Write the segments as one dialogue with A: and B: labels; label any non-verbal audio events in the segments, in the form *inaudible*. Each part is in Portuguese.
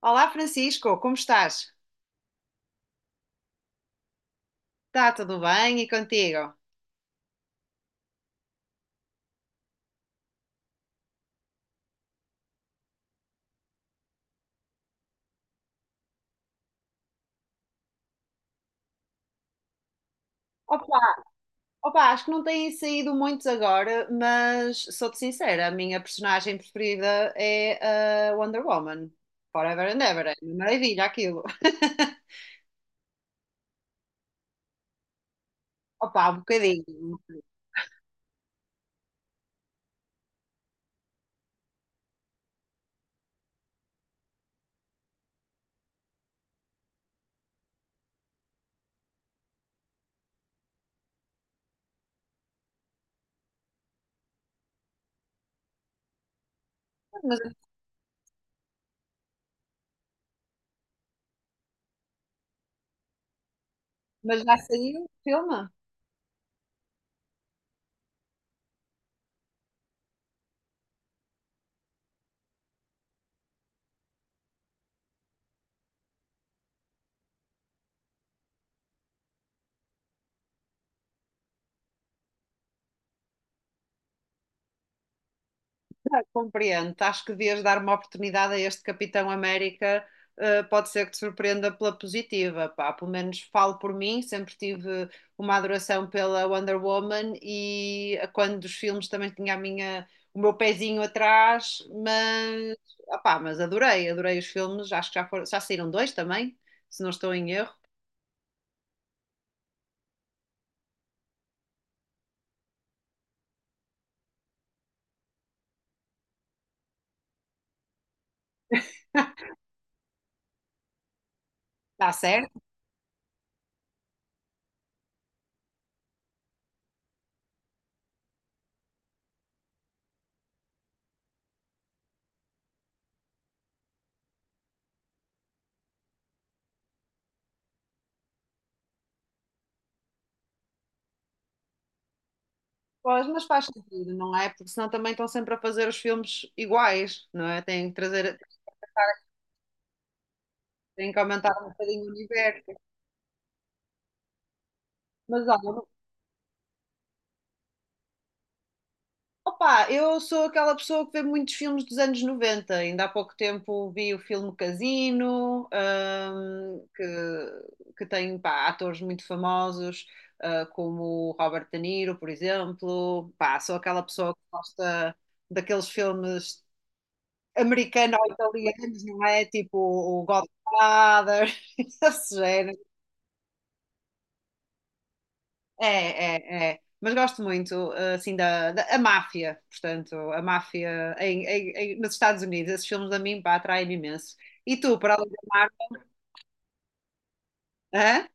A: Olá Francisco, como estás? Está tudo bem e contigo? Opa, opa, acho que não têm saído muitos agora, mas sou-te sincera, a minha personagem preferida é a Wonder Woman. Forever and ever, é uma maravilha aquilo. *laughs* Opa, um bocadinho. Mas já saiu o filme? Ah, compreendo. Acho que devias dar uma oportunidade a este Capitão América. Pode ser que te surpreenda pela positiva, pá. Pelo menos falo por mim, sempre tive uma adoração pela Wonder Woman e a quando dos filmes também tinha a minha, o meu pezinho atrás, mas, opá, mas adorei, adorei os filmes. Acho que já foram, já saíram dois também, se não estou em erro. *laughs* Está certo? Pois, mas faz sentido, não é? Porque senão também estão sempre a fazer os filmes iguais, não é? Têm que trazer, tem que aumentar um bocadinho o universo. Mas olha, opa, eu sou aquela pessoa que vê muitos filmes dos anos 90. Ainda há pouco tempo vi o filme Casino, que tem pá, atores muito famosos, ah, como o Robert De Niro, por exemplo. Pá, sou aquela pessoa que gosta daqueles filmes americanos ou italianos, não é? Tipo o Godfather, *laughs* esse género. É, é, é. Mas gosto muito, assim, da a máfia, portanto, a máfia nos Estados Unidos. Esses filmes a mim, pá, atraem-me imenso. E tu, para além da máfia? Hã?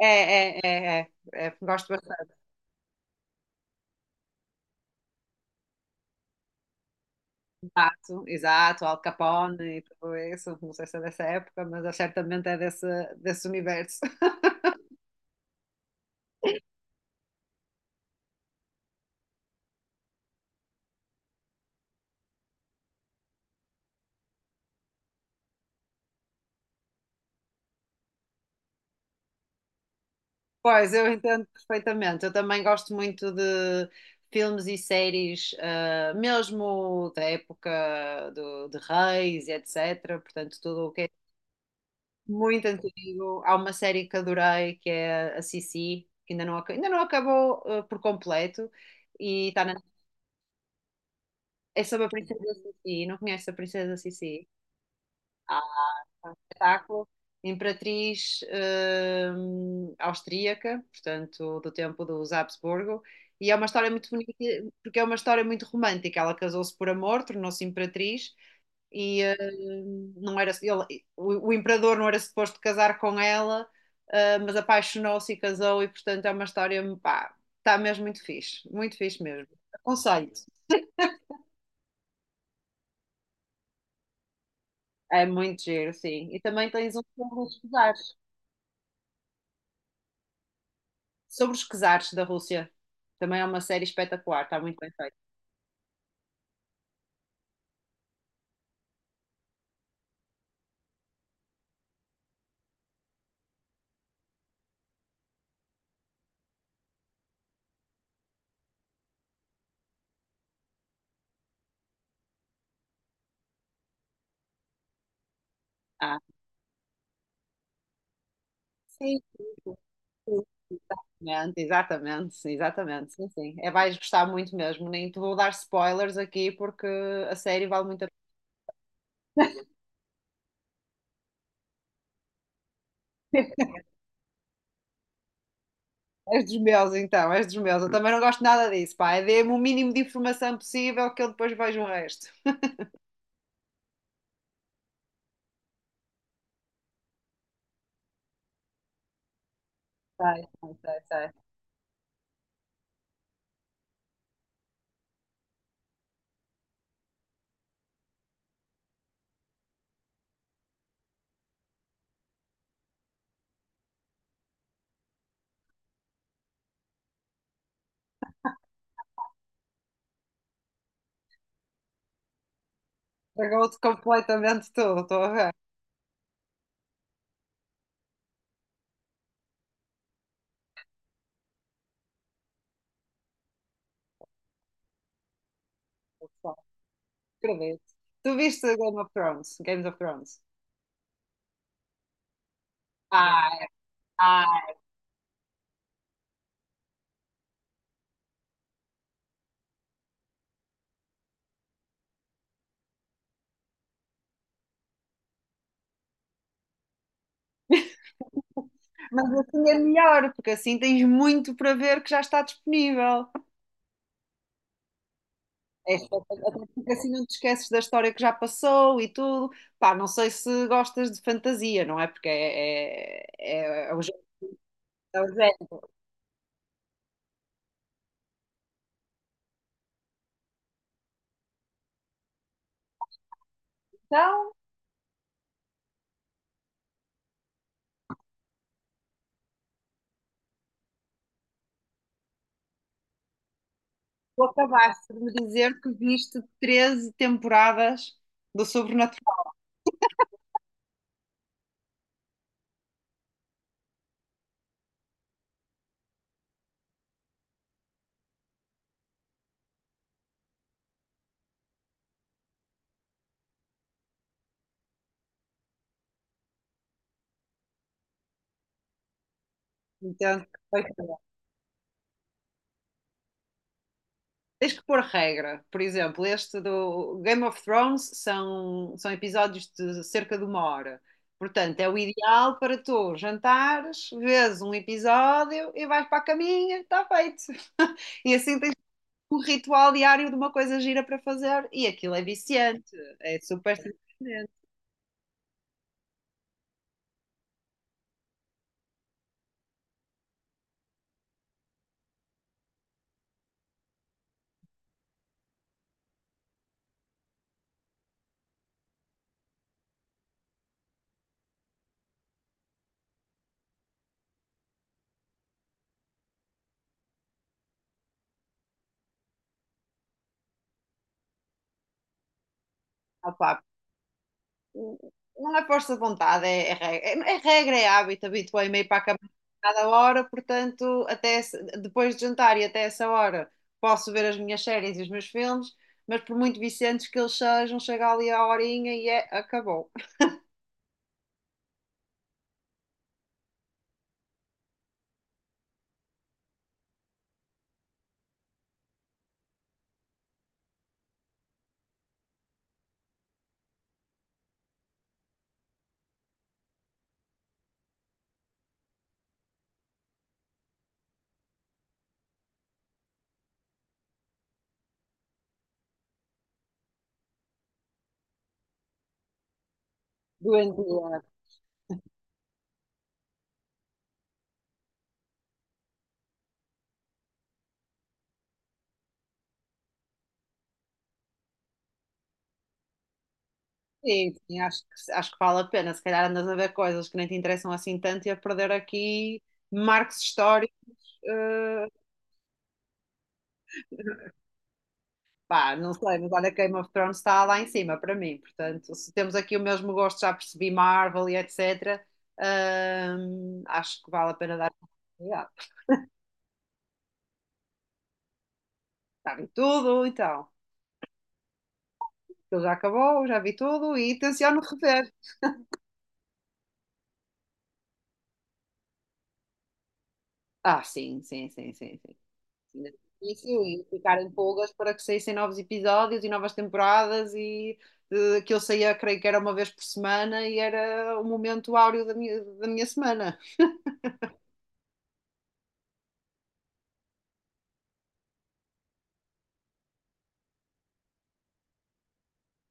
A: É, é, é, é, é. Gosto bastante. Exato, exato, Al Capone e tudo isso. Não sei se é dessa época, mas é certamente é desse universo. Pois, eu entendo perfeitamente. Eu também gosto muito de filmes e séries, ah, mesmo da época de Reis e etc. Portanto, tudo o que é muito antigo. Há uma série que adorei, que é a Sissi, que ainda não, ainda não acabou, ah, por completo. E está na... É sobre a princesa Sissi. Não conhece a princesa Sissi? Espetáculo, imperatriz austríaca, portanto, do tempo dos Habsburgo, e é uma história muito bonita, porque é uma história muito romântica. Ela casou-se por amor, tornou-se imperatriz, e não era, o imperador não era suposto casar com ela, ah, mas apaixonou-se e casou, e portanto é uma história, pá, está mesmo muito fixe mesmo. Aconselho-te. É muito giro, sim. E também tens um filme de estudar. Sobre os czares da Rússia. Também é uma série espetacular, está muito bem feita. Ah, sim, sim, sim, exatamente, exatamente, sim, sim. É, vais gostar muito mesmo. Nem te vou dar spoilers aqui porque a série vale muito a pena. *laughs* És dos meus, então, és dos meus. Eu também não gosto nada disso, pá. É. Dê-me o mínimo de informação possível que eu depois vejo o resto. Sei, sei, sei, sei. Pagou-te completamente tudo, estou a ver. Acredito. Tu viste Game of Thrones? Games of Thrones? Ah, mas assim é melhor, porque assim tens muito para ver que já está disponível. É só porque assim não te esqueces da história que já passou e tudo. Pá, não sei se gostas de fantasia, não é? Porque é o jeito que é o género. Então, tu acabaste de me dizer que viste 13 temporadas do Sobrenatural. Então, foi. Tens que pôr regra. Por exemplo, este do Game of Thrones são episódios de cerca de uma hora. Portanto, é o ideal para tu jantares, vês um episódio e vais para a caminha, está feito. E assim tens um ritual diário de uma coisa gira para fazer e aquilo é viciante, é super surpreendente. Opa, não é força de vontade, é regra, é regra, é hábito, habituei-me a ir para a cama a cada hora, portanto, até depois de jantar e até essa hora posso ver as minhas séries e os meus filmes, mas por muito viciantes que eles sejam, chega ali a horinha e é, acabou. Doentia. Sim, sim, acho que vale a pena. Se calhar andas a ver coisas que nem te interessam assim tanto e a perder aqui marcos históricos eh, Pá, não sei, mas olha, Game of Thrones está lá em cima para mim. Portanto, se temos aqui o mesmo gosto, já percebi Marvel e etc. Acho que vale a pena dar uma oportunidade. Já vi tudo, então. Aquilo já acabou, já vi tudo e tenciono rever. Ah, sim, sim, sim, sim, sim. Ainda no início e ficar em pulgas para que saíssem novos episódios e novas temporadas e que eu saía, creio que era uma vez por semana e era o momento áureo da minha semana.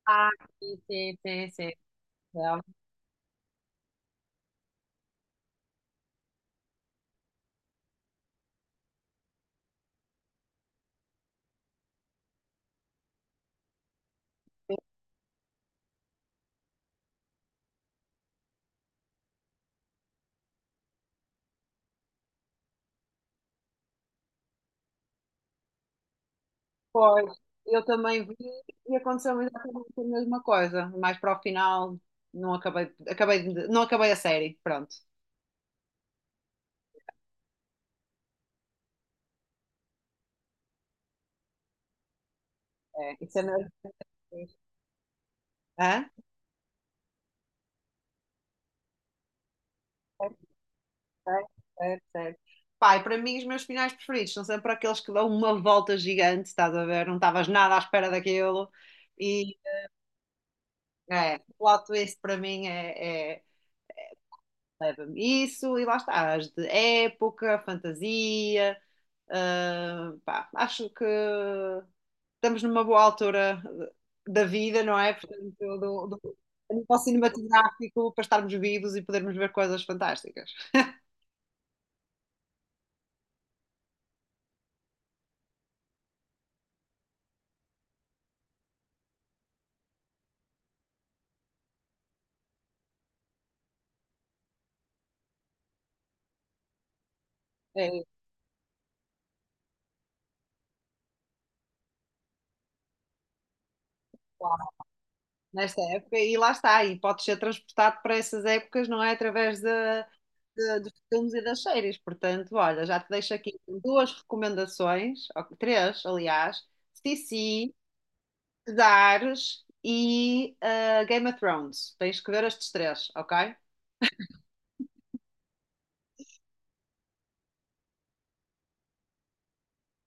A: Ah, sim, sim, sim, sim. Pois, eu também vi e aconteceu exatamente a mesma coisa. Mais para o final, não acabei a série. Pronto. É, isso é mesmo. Hã? Certo, certo, certo, certo. Pai, para mim, os meus finais preferidos são sempre aqueles que dão uma volta gigante, estás a ver? Não estavas nada à espera daquilo. E é, o plot twist para mim é, leva-me isso, e lá está, as de época, fantasia. Pá, acho que estamos numa boa altura da vida, não é? Portanto, a nível cinematográfico para estarmos vivos e podermos ver coisas fantásticas. É, claro, nesta época, e lá está, e pode ser transportado para essas épocas, não é? Através da dos filmes e das séries. Portanto, olha, já te deixo aqui duas recomendações, ou três, aliás: C. CC, Dares e Game of Thrones. Tens que ver estes três, ok?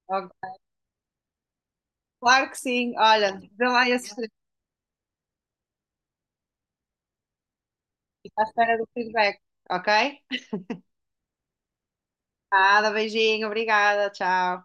A: Oh, claro que sim. Olha, vê lá esse estrelinho, à espera do feedback, ok? Nada, beijinho, obrigada, tchau.